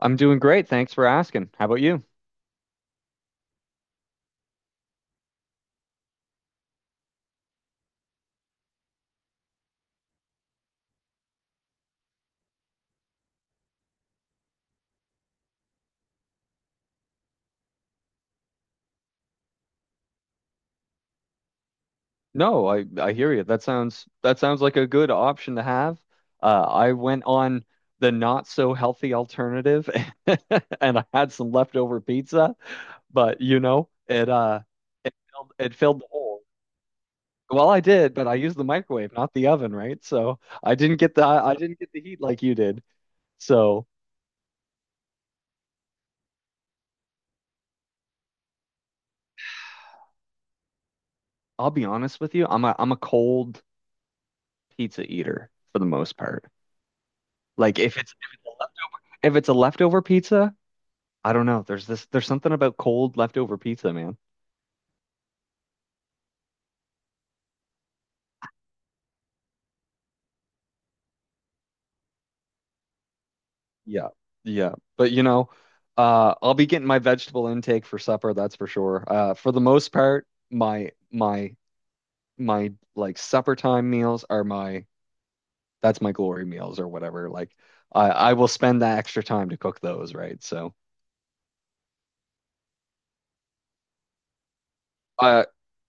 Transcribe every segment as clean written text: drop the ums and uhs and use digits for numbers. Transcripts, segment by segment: I'm doing great. Thanks for asking. How about you? No, I hear you. That sounds like a good option to have. I went on the not so healthy alternative, and I had some leftover pizza, but it filled the hole. Well, I did, but I used the microwave, not the oven, right? So I didn't get the heat like you did. So I'll be honest with you, I'm a cold pizza eater for the most part. Like if it's a leftover pizza. I don't know. There's something about cold leftover pizza, man. Yeah, yeah. But I'll be getting my vegetable intake for supper, that's for sure. For the most part, my like supper time meals are my that's my glory meals or whatever. Like I will spend that extra time to cook those, right? So I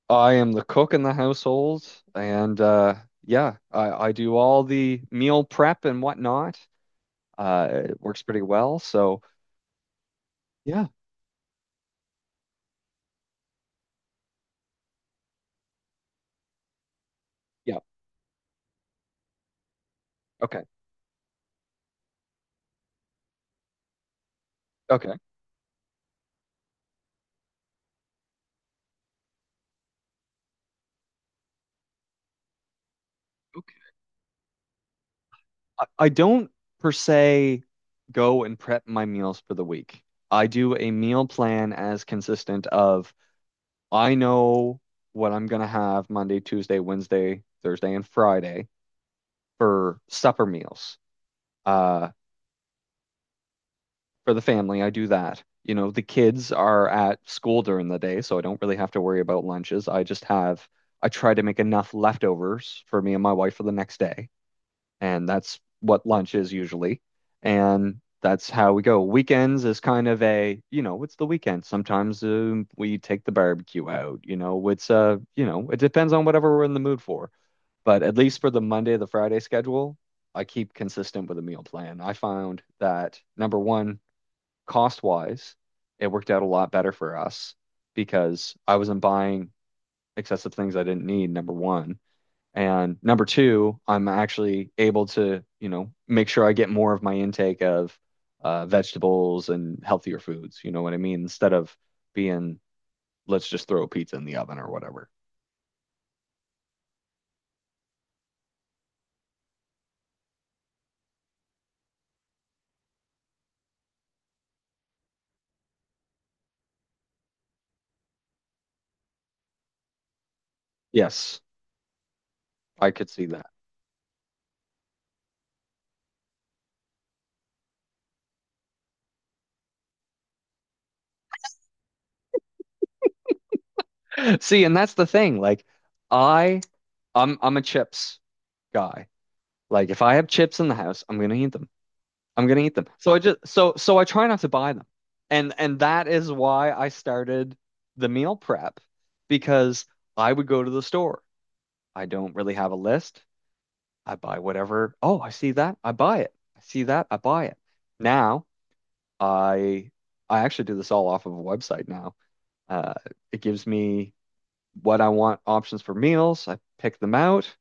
I am the cook in the household, and yeah, I do all the meal prep and whatnot. It works pretty well. So yeah, yeah. Okay. Okay. I don't per se go and prep my meals for the week. I do a meal plan as consistent of I know what I'm gonna have Monday, Tuesday, Wednesday, Thursday, and Friday for supper meals. Uh, for the family, I do that. You know, the kids are at school during the day, so I don't really have to worry about lunches. I just have I try to make enough leftovers for me and my wife for the next day, and that's what lunch is usually. And that's how we go. Weekends is kind of a, it's the weekend. Sometimes we take the barbecue out, it depends on whatever we're in the mood for. But at least for the Monday the Friday schedule, I keep consistent with a meal plan. I found that number one, cost wise, it worked out a lot better for us because I wasn't buying excessive things I didn't need, number one. And number two, I'm actually able to, make sure I get more of my intake of vegetables and healthier foods. You know what I mean? Instead of being, let's just throw a pizza in the oven or whatever. Yes, I could see that. See, and that's the thing. Like, I, I'm a chips guy. Like, if I have chips in the house, I'm gonna eat them. I'm gonna eat them. So I just so so I try not to buy them. And that is why I started the meal prep because I would go to the store. I don't really have a list. I buy whatever. Oh, I see that. I buy it. I see that. I buy it. Now I I actually do this all off of a website now. Uh, it gives me what I want options for meals. I pick them out.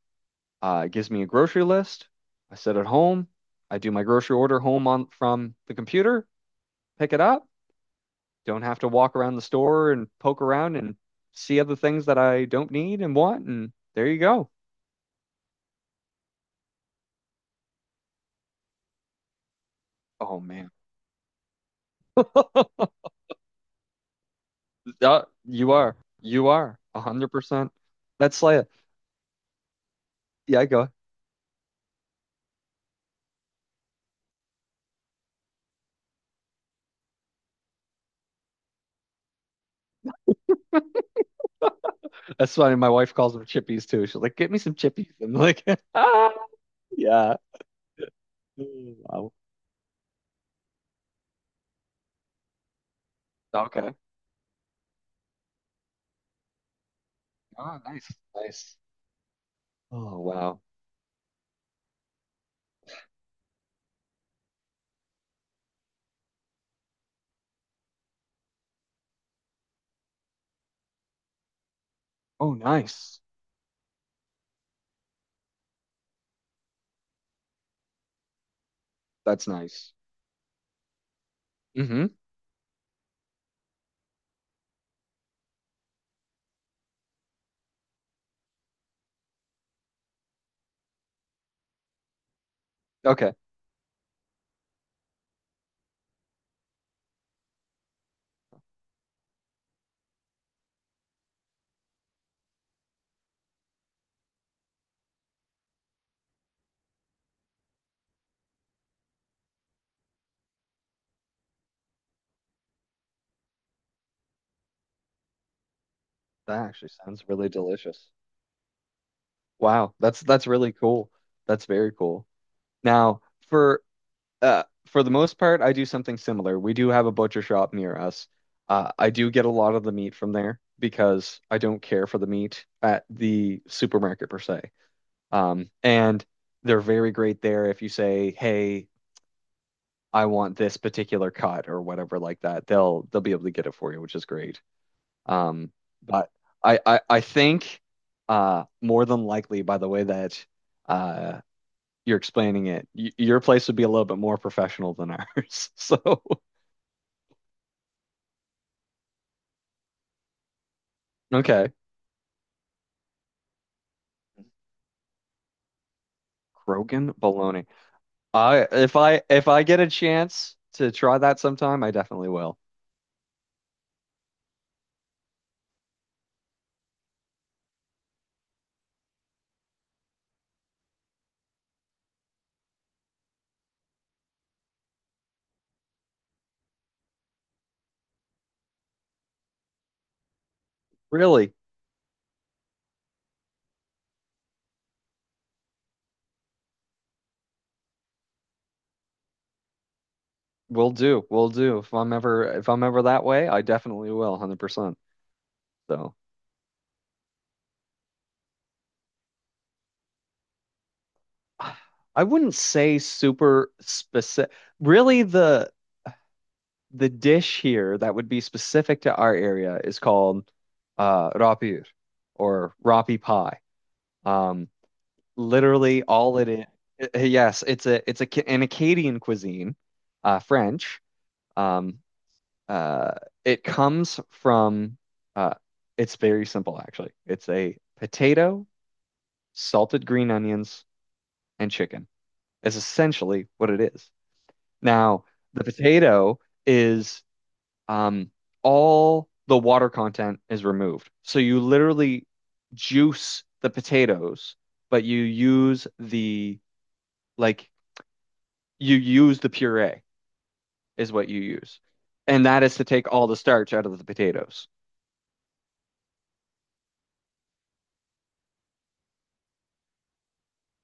It gives me a grocery list. I sit at home. I do my grocery order home on from the computer, pick it up. Don't have to walk around the store and poke around and see other things that I don't need and want. And there you go. Oh man, you are 100%. That's Leia. Yeah, I go. That's funny. My wife calls them chippies too. She's like, "Get me some chippies." I'm like, ah, yeah. Oh, wow. Okay. Oh, nice, nice. Oh wow. Oh, nice. That's nice. Mm-hmm. Okay. That actually sounds really delicious. Wow, that's really cool. That's very cool. Now, for for the most part, I do something similar. We do have a butcher shop near us. I do get a lot of the meat from there because I don't care for the meat at the supermarket per se. And they're very great there if you say, "Hey, I want this particular cut or whatever like that." They'll be able to get it for you, which is great. Um, but I think more than likely by the way that uh you're explaining it, Y your place would be a little bit more professional than ours. So, okay. Krogan bologna. I if I if I get a chance to try that sometime, I definitely will. Really, will do. Will do. If I'm ever that way, I definitely will, 100%. So, I wouldn't say super specific. Really, the dish here that would be specific to our area is called uh rapir rapi pie. Um Literally all it is. Yes, it's an Acadian cuisine, French. Um, uh, it comes from. Uh, it's very simple, actually. It's a potato, salted green onions, and chicken. Is essentially what it is. Now, the potato is um, all the water content is removed, so you literally juice the potatoes, but like you use the puree is what you use, and that is to take all the starch out of the potatoes.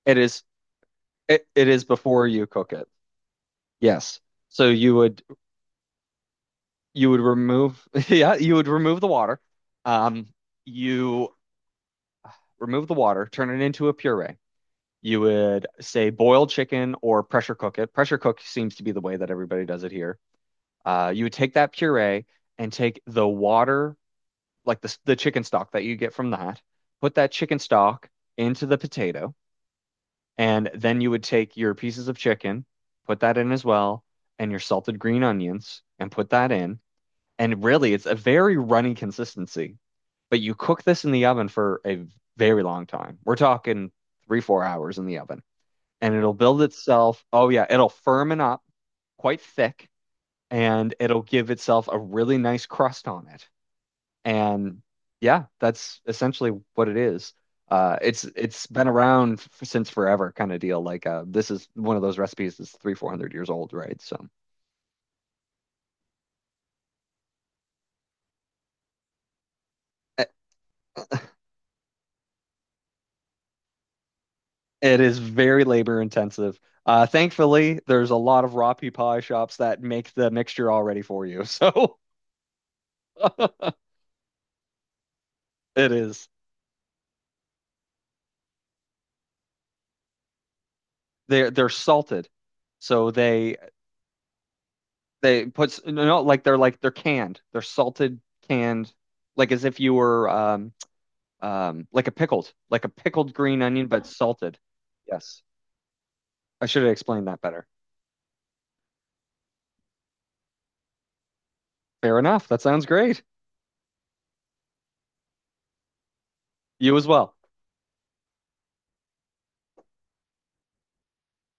It is it is before you cook it. Yes. So you would remove yeah you would remove the water. Um, you remove the water, turn it into a puree. You would say boil chicken or pressure cook it. Pressure cook seems to be the way that everybody does it here. You would take that puree and take the water like the chicken stock that you get from that, put that chicken stock into the potato, and then you would take your pieces of chicken, put that in as well, and your salted green onions, and put that in. And really, it's a very runny consistency. But you cook this in the oven for a very long time. We're talking 3, 4 hours in the oven, and it'll build itself. Oh yeah, it'll firmen up quite thick, and it'll give itself a really nice crust on it. And yeah, that's essentially what it is. It's been around f since forever, kind of deal. Like this is one of those recipes that's 3, 400 years old, right? So i- it is very labor intensive. Thankfully, there's a lot of raw pea pie shops that make the mixture already for you. So it is. They're salted, so no no, like they're canned. They're salted canned, like as if you were like a pickled green onion, but salted. Yes, I should have explained that better. Fair enough. That sounds great. You as well.